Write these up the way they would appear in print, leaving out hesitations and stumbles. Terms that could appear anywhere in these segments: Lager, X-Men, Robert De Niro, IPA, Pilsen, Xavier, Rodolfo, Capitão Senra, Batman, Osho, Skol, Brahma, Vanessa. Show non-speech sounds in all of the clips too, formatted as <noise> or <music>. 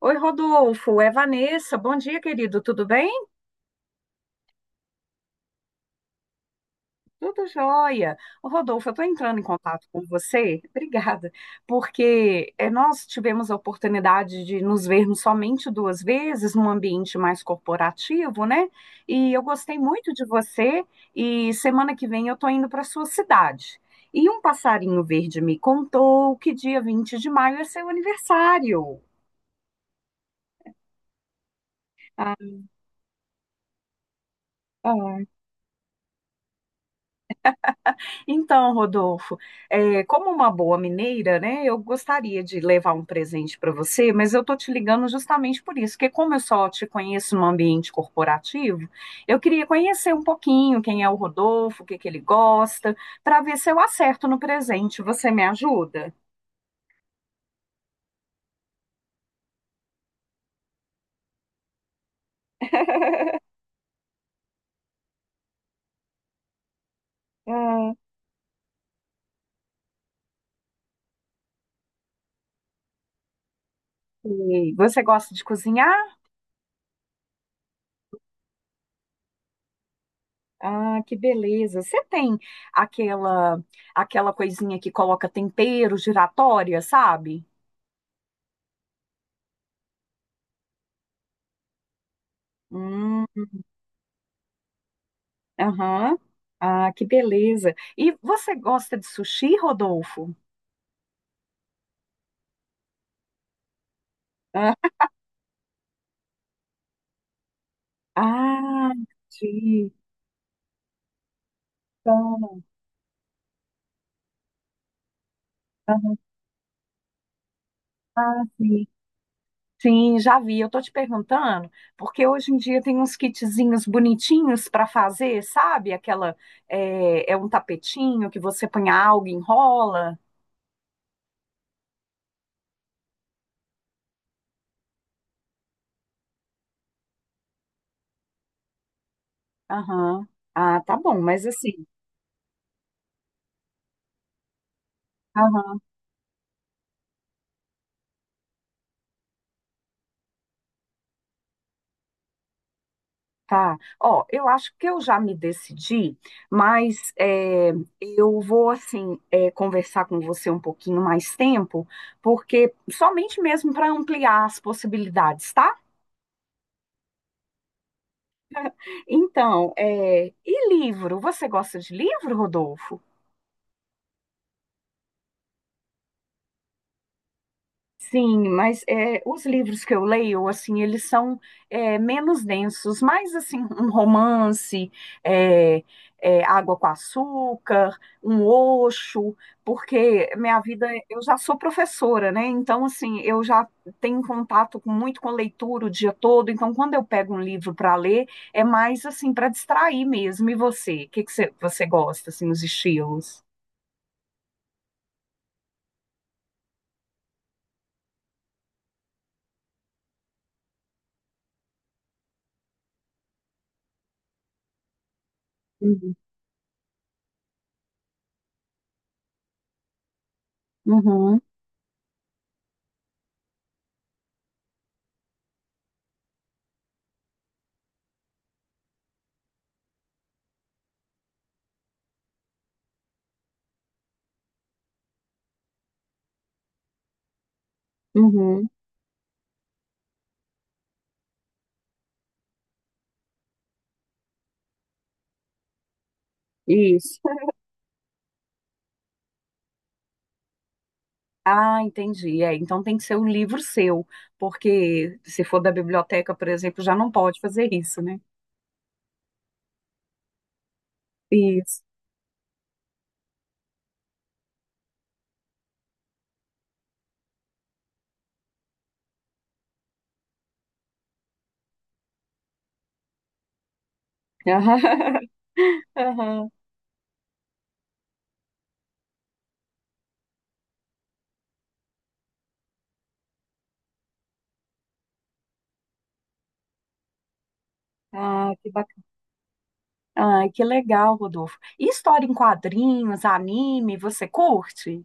Oi, Rodolfo, é Vanessa. Bom dia, querido. Tudo bem? Tudo jóia. Ô, Rodolfo, eu estou entrando em contato com você, <laughs> obrigada, porque nós tivemos a oportunidade de nos vermos somente duas vezes num ambiente mais corporativo, né? E eu gostei muito de você. E semana que vem eu estou indo para sua cidade. E um passarinho verde me contou que dia 20 de maio é seu aniversário. Ah, então, Rodolfo, como uma boa mineira, né, eu gostaria de levar um presente para você, mas eu tô te ligando justamente por isso, porque como eu só te conheço no ambiente corporativo, eu queria conhecer um pouquinho quem é o Rodolfo, o que que ele gosta, para ver se eu acerto no presente. Você me ajuda? Ah, e você gosta de cozinhar? Ah, que beleza. Você tem aquela aquela coisinha que coloca tempero giratória, sabe? Hum. Aham. Ah, que beleza. E você gosta de sushi, Rodolfo? Ah, ah, entendi. Então, ah, sim. Sim, já vi. Eu tô te perguntando, porque hoje em dia tem uns kitzinhos bonitinhos para fazer, sabe? Aquela é um tapetinho que você põe algo, enrola. Aham. Ah, tá bom, mas assim. Tá. Ó, eu acho que eu já me decidi, mas eu vou, assim, conversar com você um pouquinho mais tempo, porque somente mesmo para ampliar as possibilidades, tá? Então, e livro? Você gosta de livro, Rodolfo? Sim, mas os livros que eu leio, assim, eles são menos densos, mais assim, <laughs> um romance, é, água com açúcar, um Osho, porque minha vida, eu já sou professora, né? Então, assim, eu já muito com leitura o dia todo, então quando eu pego um livro para ler, é mais assim, para distrair mesmo. E você? O que que você gosta, assim, os estilos? Uhum. Uhum, uhum, isso. Ah, entendi. É, então tem que ser um livro seu, porque se for da biblioteca, por exemplo, já não pode fazer isso, né? Isso. <laughs> Aham. Ah, que bacana. Ai, que legal, Rodolfo. E história em quadrinhos, anime, você curte?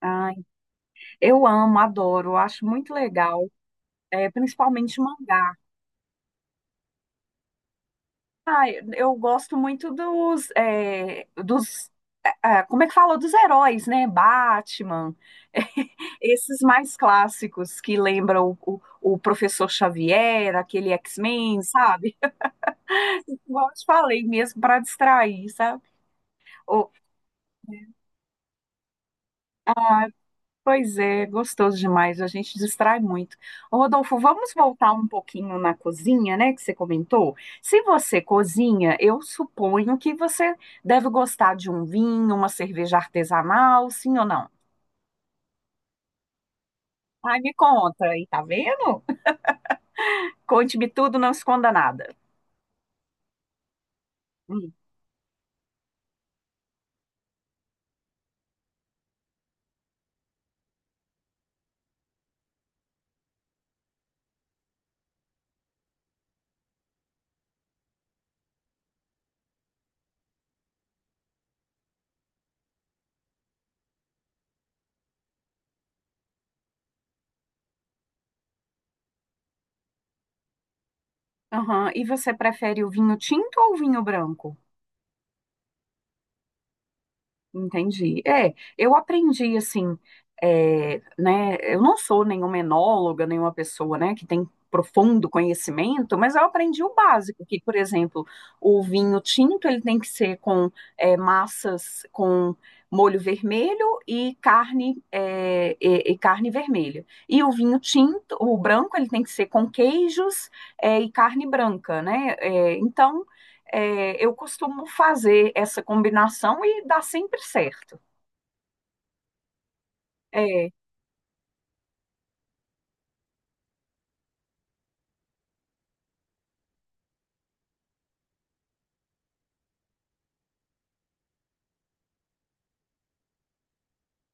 Ai, eu amo, adoro, eu acho muito legal, principalmente mangá. Ai, eu gosto muito dos, como é que fala? Dos heróis, né? Batman. <laughs> Esses mais clássicos que lembram o professor Xavier, aquele X-Men, sabe? <laughs> Igual eu te falei mesmo, para distrair, sabe? Ou- Pois é, gostoso demais, a gente distrai muito. Ô, Rodolfo, vamos voltar um pouquinho na cozinha, né, que você comentou? Se você cozinha, eu suponho que você deve gostar de um vinho, uma cerveja artesanal, sim ou não? Ai, me conta aí, tá vendo? Conte-me tudo, não esconda nada. Aham. E você prefere o vinho tinto ou o vinho branco? Entendi. É, eu aprendi assim, né? Eu não sou nenhuma enóloga, nenhuma pessoa, né, que tem profundo conhecimento, mas eu aprendi o básico, que, por exemplo, o vinho tinto ele tem que ser com massas com molho vermelho e carne e carne vermelha. E o vinho tinto, o branco, ele tem que ser com queijos e carne branca, né? É, então eu costumo fazer essa combinação e dá sempre certo. É,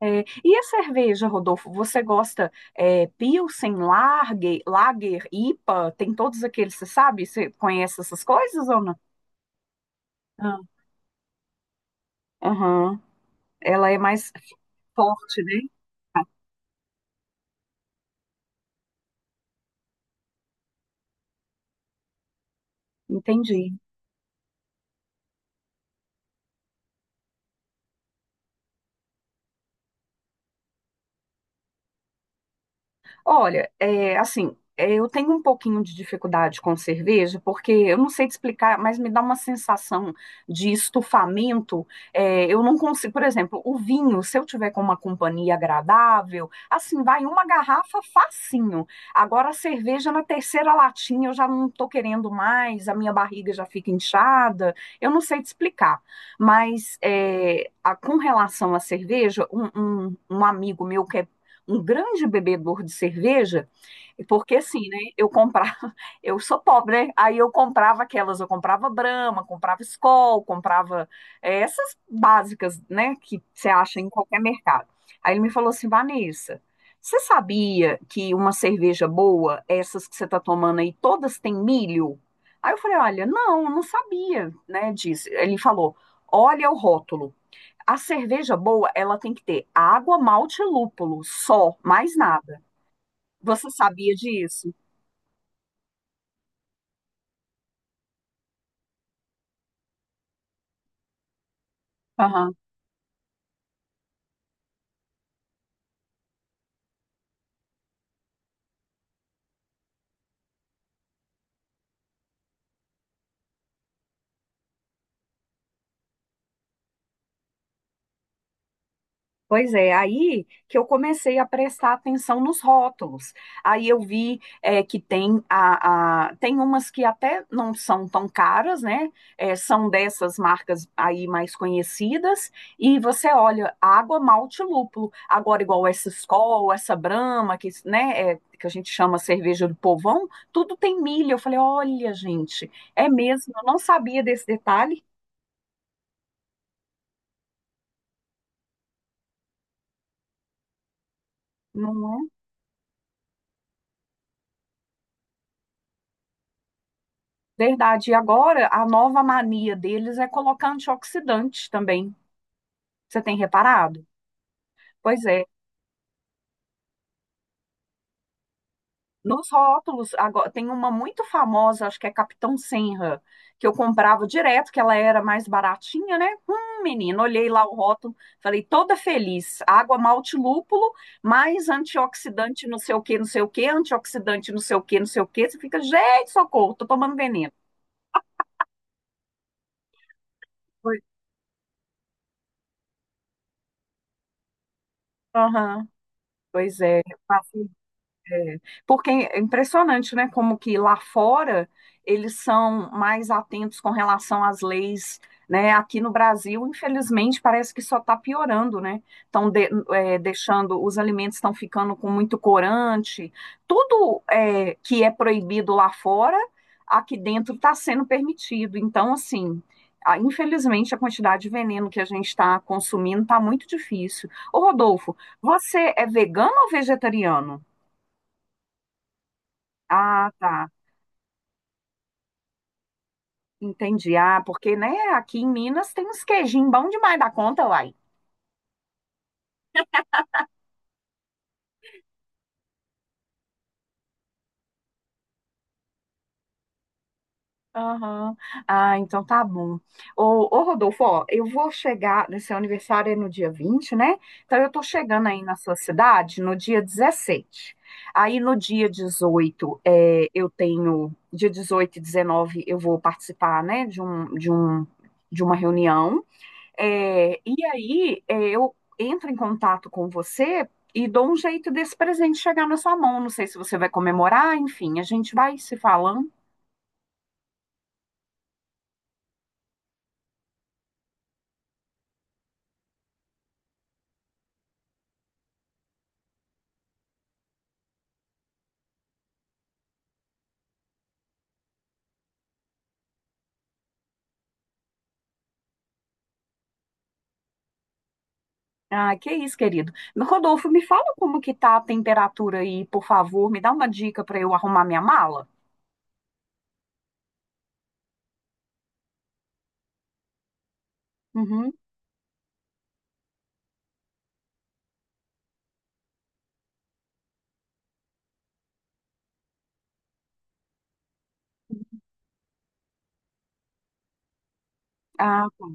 é. E a cerveja, Rodolfo, você gosta Pilsen, Lager, IPA, tem todos aqueles, você sabe? Você conhece essas coisas ou não? Não. Aham. Ela é mais forte, né? Entendi. Olha, assim, eu tenho um pouquinho de dificuldade com cerveja, porque eu não sei te explicar, mas me dá uma sensação de estufamento. É, eu não consigo, por exemplo, o vinho, se eu tiver com uma companhia agradável, assim, vai uma garrafa facinho. Agora, a cerveja na terceira latinha eu já não tô querendo mais, a minha barriga já fica inchada. Eu não sei te explicar, mas com relação à cerveja, um amigo meu que é um grande bebedor de cerveja, porque assim, né? Eu comprava, <laughs> eu sou pobre, né? Aí eu comprava aquelas, eu comprava Brahma, comprava Skol, comprava essas básicas, né? Que você acha em qualquer mercado. Aí ele me falou assim, Vanessa, você sabia que uma cerveja boa, essas que você está tomando aí, todas têm milho? Aí eu falei, olha, não, não sabia, né? Disse. Ele falou, olha o rótulo. A cerveja boa, ela tem que ter água, malte e lúpulo, só, mais nada. Você sabia disso? Pois é, aí que eu comecei a prestar atenção nos rótulos. Aí eu vi que tem tem umas que até não são tão caras, né? É, são dessas marcas aí mais conhecidas. E você olha, água, malte, lúpulo. Agora, igual essa Skol, essa Brahma, que, né, é, que a gente chama cerveja do povão, tudo tem milho. Eu falei, olha, gente, é mesmo, eu não sabia desse detalhe, não é? Verdade. E agora, a nova mania deles é colocar antioxidante também. Você tem reparado? Pois é. Nos rótulos, agora, tem uma muito famosa, acho que é Capitão Senra, que eu comprava direto, que ela era mais baratinha, né? Menino, olhei lá o rótulo, falei, toda feliz. Água malte lúpulo, mais antioxidante não sei o que, não sei o que, antioxidante não sei o que, não sei o que. Você fica, gente, socorro, tô tomando veneno. Pois, aham, pois é. É, porque é impressionante, né? Como que lá fora eles são mais atentos com relação às leis, né? Aqui no Brasil, infelizmente, parece que só está piorando, né? Estão deixando, os alimentos estão ficando com muito corante, tudo que é proibido lá fora, aqui dentro está sendo permitido. Então, assim. Infelizmente, a quantidade de veneno que a gente está consumindo está muito difícil. Ô Rodolfo, você é vegano ou vegetariano? Ah, tá. Entendi. Ah, porque, né, aqui em Minas tem uns queijinhos bom demais da conta, uai. Aham. Ah, então tá bom. Ô, Rodolfo, ó, eu vou chegar, nesse aniversário é no dia 20, né? Então eu tô chegando aí na sua cidade no dia 17. Aí no dia 18 eu tenho, dia 18 e 19, eu vou participar, né, de uma reunião. E aí, eu entro em contato com você e dou um jeito desse presente chegar na sua mão. Não sei se você vai comemorar, enfim, a gente vai se falando. Ah, que isso, querido. Rodolfo, me fala como que tá a temperatura aí, por favor. Me dá uma dica para eu arrumar minha mala? Uhum. Ah, tá.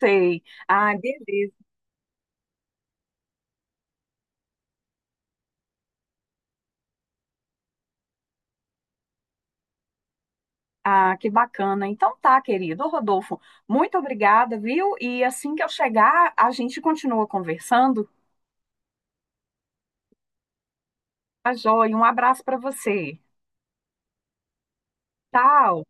Sei. Ah, beleza. Ah, que bacana. Então tá, querido. Ô, Rodolfo, muito obrigada, viu? E assim que eu chegar, a gente continua conversando. Tá joia. Um abraço para você. Tchau.